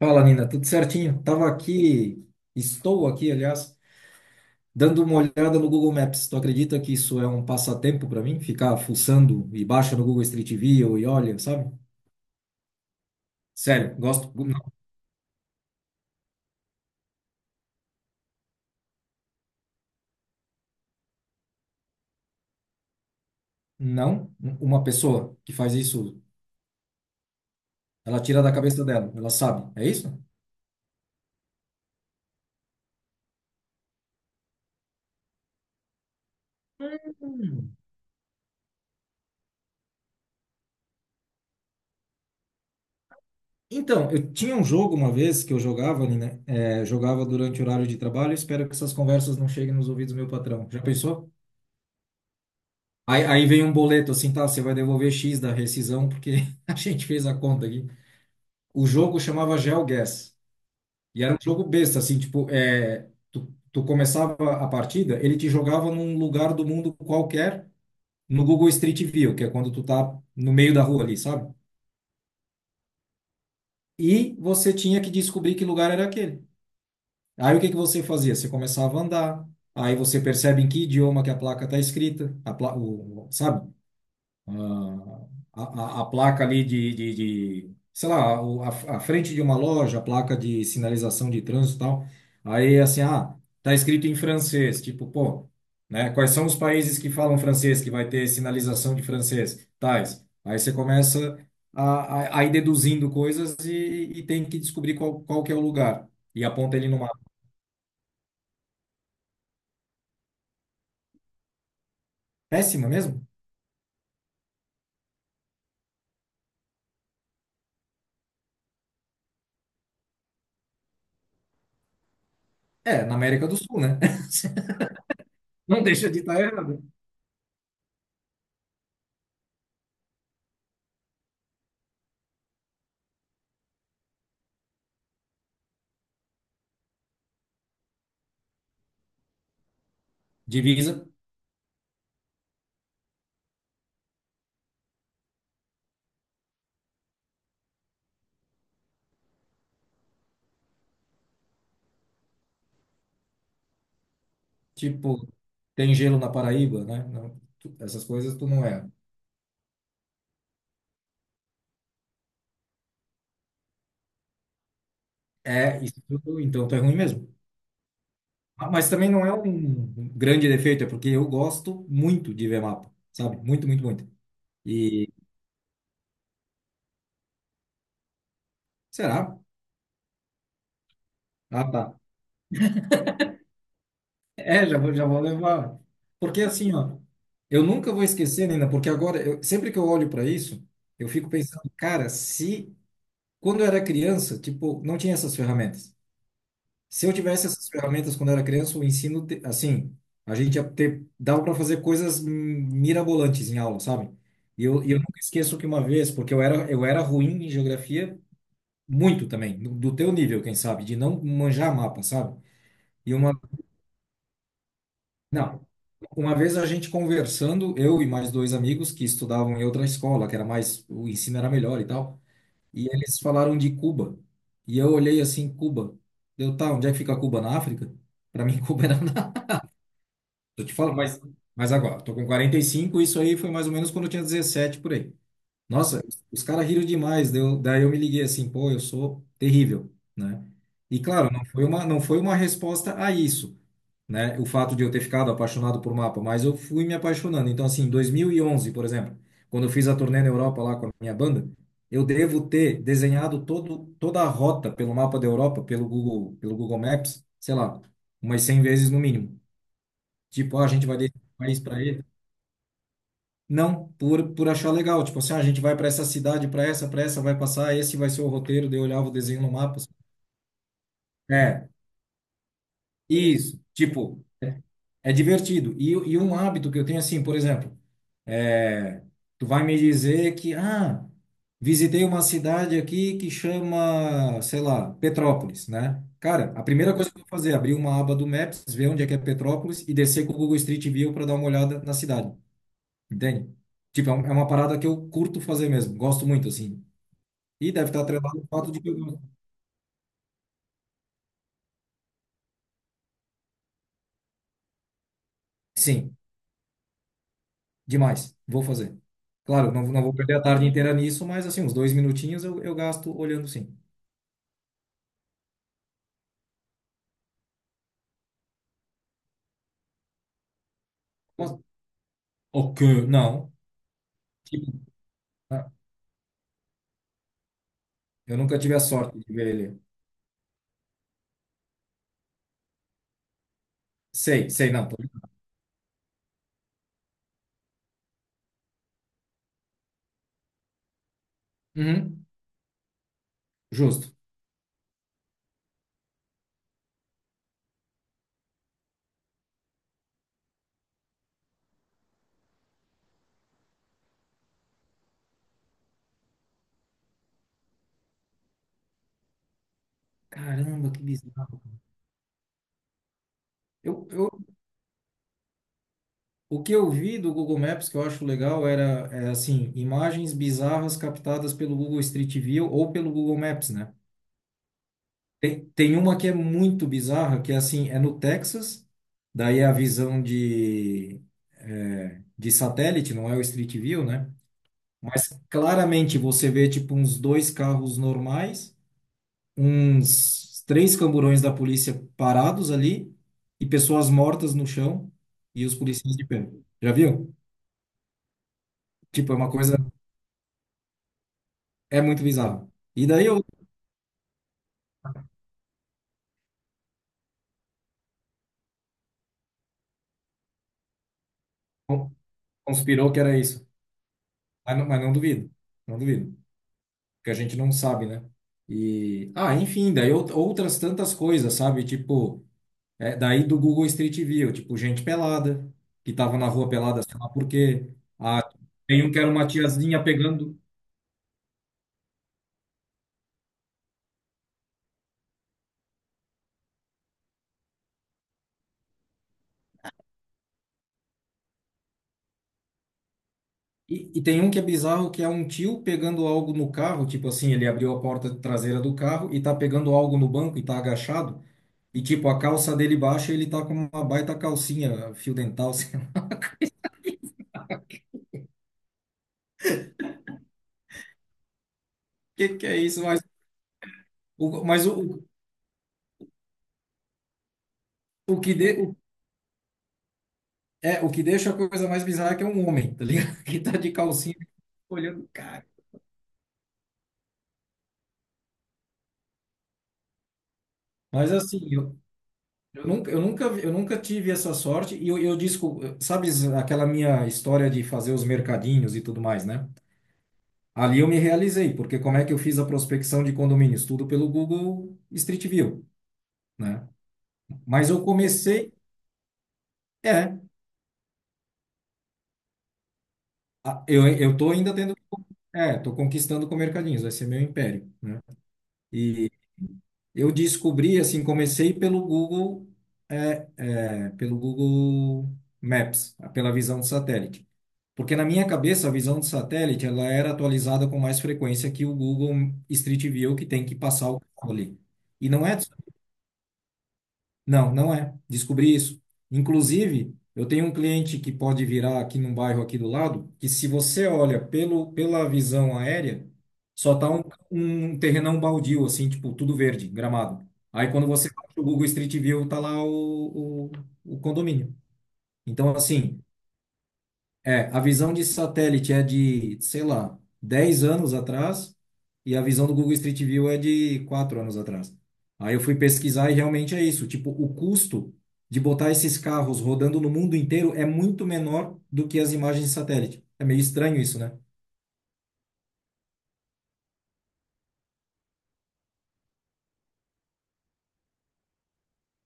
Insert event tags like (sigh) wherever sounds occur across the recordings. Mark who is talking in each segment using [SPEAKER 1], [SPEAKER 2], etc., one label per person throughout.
[SPEAKER 1] Fala, Nina, tudo certinho? Estou aqui, aliás, dando uma olhada no Google Maps. Tu acredita que isso é um passatempo para mim? Ficar fuçando e baixa no Google Street View e olha, sabe? Sério, gosto. Não, não, uma pessoa que faz isso, ela tira da cabeça dela, ela sabe, é isso? Hum. Então, eu tinha um jogo uma vez que eu jogava, Nina, jogava durante o horário de trabalho. Espero que essas conversas não cheguem nos ouvidos do meu patrão. Já pensou? Aí vem um boleto assim, tá? Você vai devolver X da rescisão, porque (laughs) a gente fez a conta aqui. O jogo chamava GeoGuess. E era um jogo besta, assim, tipo, tu começava a partida, ele te jogava num lugar do mundo qualquer, no Google Street View, que é quando tu tá no meio da rua ali, sabe? E você tinha que descobrir que lugar era aquele. Aí o que que você fazia? Você começava a andar, aí você percebe em que idioma que a placa tá escrita, sabe? ah, a, a placa ali de sei lá, a frente de uma loja, a placa de sinalização de trânsito e tal. Aí, assim, tá escrito em francês, tipo, pô, né? Quais são os países que falam francês, que vai ter sinalização de francês? Tais. Aí você começa a, a ir deduzindo coisas e tem que descobrir qual, qual que é o lugar. E aponta ele numa. Péssima mesmo? É, na América do Sul, né? (laughs) Não deixa de estar errado. Divisa. Tipo, tem gelo na Paraíba, né? Não, tu- essas coisas tu não é. É, isso, tu- então tu é ruim mesmo. Ah, mas também não é um grande defeito, é porque eu gosto muito de ver mapa, sabe? Muito, muito, muito. E será? Ah, tá. É, já vou levar. Porque assim, ó, eu nunca vou esquecer, Nina, porque agora, eu, sempre que eu olho para isso, eu fico pensando, cara, se quando eu era criança, tipo, não tinha essas ferramentas. Se eu tivesse essas ferramentas quando era criança, o ensino, assim, a gente ia ter, dava para fazer coisas mirabolantes em aula, sabe? E eu nunca esqueço que uma vez, porque eu era ruim em geografia, muito também, do teu nível, quem sabe, de não manjar mapa, sabe? E uma, não, Uma vez a gente conversando, eu e mais dois amigos que estudavam em outra escola, que era mais, o ensino era melhor e tal, e eles falaram de Cuba. E eu olhei assim, Cuba. Eu, tá, onde é que fica Cuba? Na África? Para mim, (laughs) Cuba era. Eu te falo, mas agora, tô com 45. Isso aí foi mais ou menos quando eu tinha 17, por aí. Nossa, os caras riram demais, deu, daí eu me liguei assim, pô, eu sou terrível, né? E claro, não foi uma resposta a isso, né? O fato de eu ter ficado apaixonado por mapa, mas eu fui me apaixonando. Então, assim, em 2011, por exemplo, quando eu fiz a turnê na Europa lá com a minha banda, eu devo ter desenhado toda a rota pelo mapa da Europa, pelo Google Maps, sei lá, umas 100 vezes no mínimo. Tipo, ó, a gente vai desse país para ele. Não, por achar legal. Tipo assim, ó, a gente vai para essa cidade, para essa, vai passar, esse vai ser o roteiro, daí eu olhava o desenho no mapa. Assim. É, isso. Tipo, é divertido. E um hábito que eu tenho assim, por exemplo, é, tu vai me dizer que, visitei uma cidade aqui que chama, sei lá, Petrópolis, né? Cara, a primeira coisa que eu vou fazer é abrir uma aba do Maps, ver onde é que é Petrópolis e descer com o Google Street View para dar uma olhada na cidade. Entende? Tipo, é é uma parada que eu curto fazer mesmo. Gosto muito, assim. E deve estar atrelado ao fato de que eu gosto. Sim, demais. Vou fazer. Claro, não, não vou perder a tarde inteira nisso, mas, assim, uns dois minutinhos eu gasto olhando, sim. Mas, ok, não. Tipo, ah, eu nunca tive a sorte de ver ele. Sei, sei, não. Tô. Uhum, justo. Caramba, que bizarro. Eu, eu, o que eu vi do Google Maps que eu acho legal era, é, assim, imagens bizarras captadas pelo Google Street View ou pelo Google Maps, né? Tem uma que é muito bizarra, que é assim, é no Texas, daí é a visão de satélite, não é o Street View, né? Mas claramente você vê tipo uns dois carros normais, uns três camburões da polícia parados ali e pessoas mortas no chão e os policiais de pé. Já viu? Tipo, é uma coisa, É muito bizarro. E daí eu conspirou que era isso. Mas não duvido, não duvido. Que a gente não sabe, né? E, ah, enfim, daí outras tantas coisas, sabe? Tipo, é, daí do Google Street View, tipo, gente pelada, que tava na rua pelada, sei lá por quê. Ah, tem um que era uma tiazinha pegando. E tem um que é bizarro, que é um tio pegando algo no carro, tipo assim, ele abriu a porta traseira do carro e tá pegando algo no banco e tá agachado. E, tipo, a calça dele baixa e ele tá com uma baita calcinha, fio dental, (laughs) sei lá. O que que é isso? O, mas o, o que, de, É, o que deixa a coisa mais bizarra é que é um homem, tá ligado? (laughs) Que tá de calcinha olhando, cara. Mas assim, eu nunca tive essa sorte e eu disco, sabe aquela minha história de fazer os mercadinhos e tudo mais, né? Ali eu me realizei, porque como é que eu fiz a prospecção de condomínios? Tudo pelo Google Street View, né? Mas eu comecei, é, a- eu tô ainda tendo, tô conquistando com mercadinhos, vai ser meu império, né? Eu descobri, assim, comecei pelo Google Maps, pela visão de satélite. Porque na minha cabeça, a visão de satélite, ela era atualizada com mais frequência que o Google Street View, que tem que passar o carro ali. E não é. Não, não é. Descobri isso. Inclusive, eu tenho um cliente que pode virar aqui num bairro aqui do lado, que se você olha pelo, pela visão aérea, só tá um terrenão baldio, assim, tipo, tudo verde, gramado. Aí quando você baixa o Google Street View, tá lá o condomínio. Então, assim, a visão de satélite é de, sei lá, 10 anos atrás e a visão do Google Street View é de 4 anos atrás. Aí eu fui pesquisar e realmente é isso. Tipo, o custo de botar esses carros rodando no mundo inteiro é muito menor do que as imagens de satélite. É meio estranho isso, né?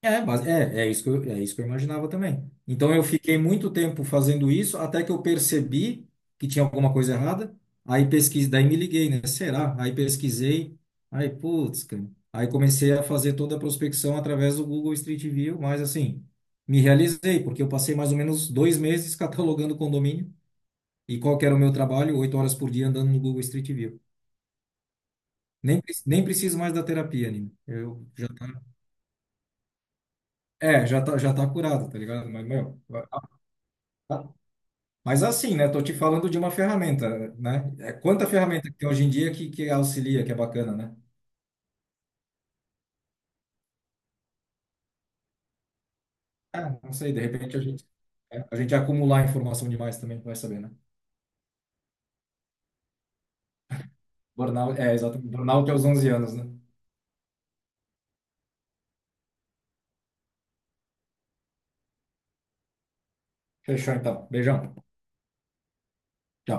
[SPEAKER 1] É, mas é isso que eu imaginava também. Então eu fiquei muito tempo fazendo isso até que eu percebi que tinha alguma coisa errada. Aí pesquisei, daí me liguei, né? Será? Aí pesquisei. Aí, putz, cara. Aí comecei a fazer toda a prospecção através do Google Street View, mas assim, me realizei, porque eu passei mais ou menos 2 meses catalogando condomínio. E qual que era o meu trabalho? 8 horas por dia andando no Google Street View. Nem preciso mais da terapia, Nino. Eu já tá, é, já tá curado, tá ligado? Mas assim, né? Tô te falando de uma ferramenta, né? É quanta ferramenta que tem hoje em dia que auxilia, que é bacana, né? Ah, não sei, de repente a gente ia acumular informação demais também, vai saber, né? Burnout, é, exato. Burnout aos 11 anos, né? Fechou então. Beijão. Tchau.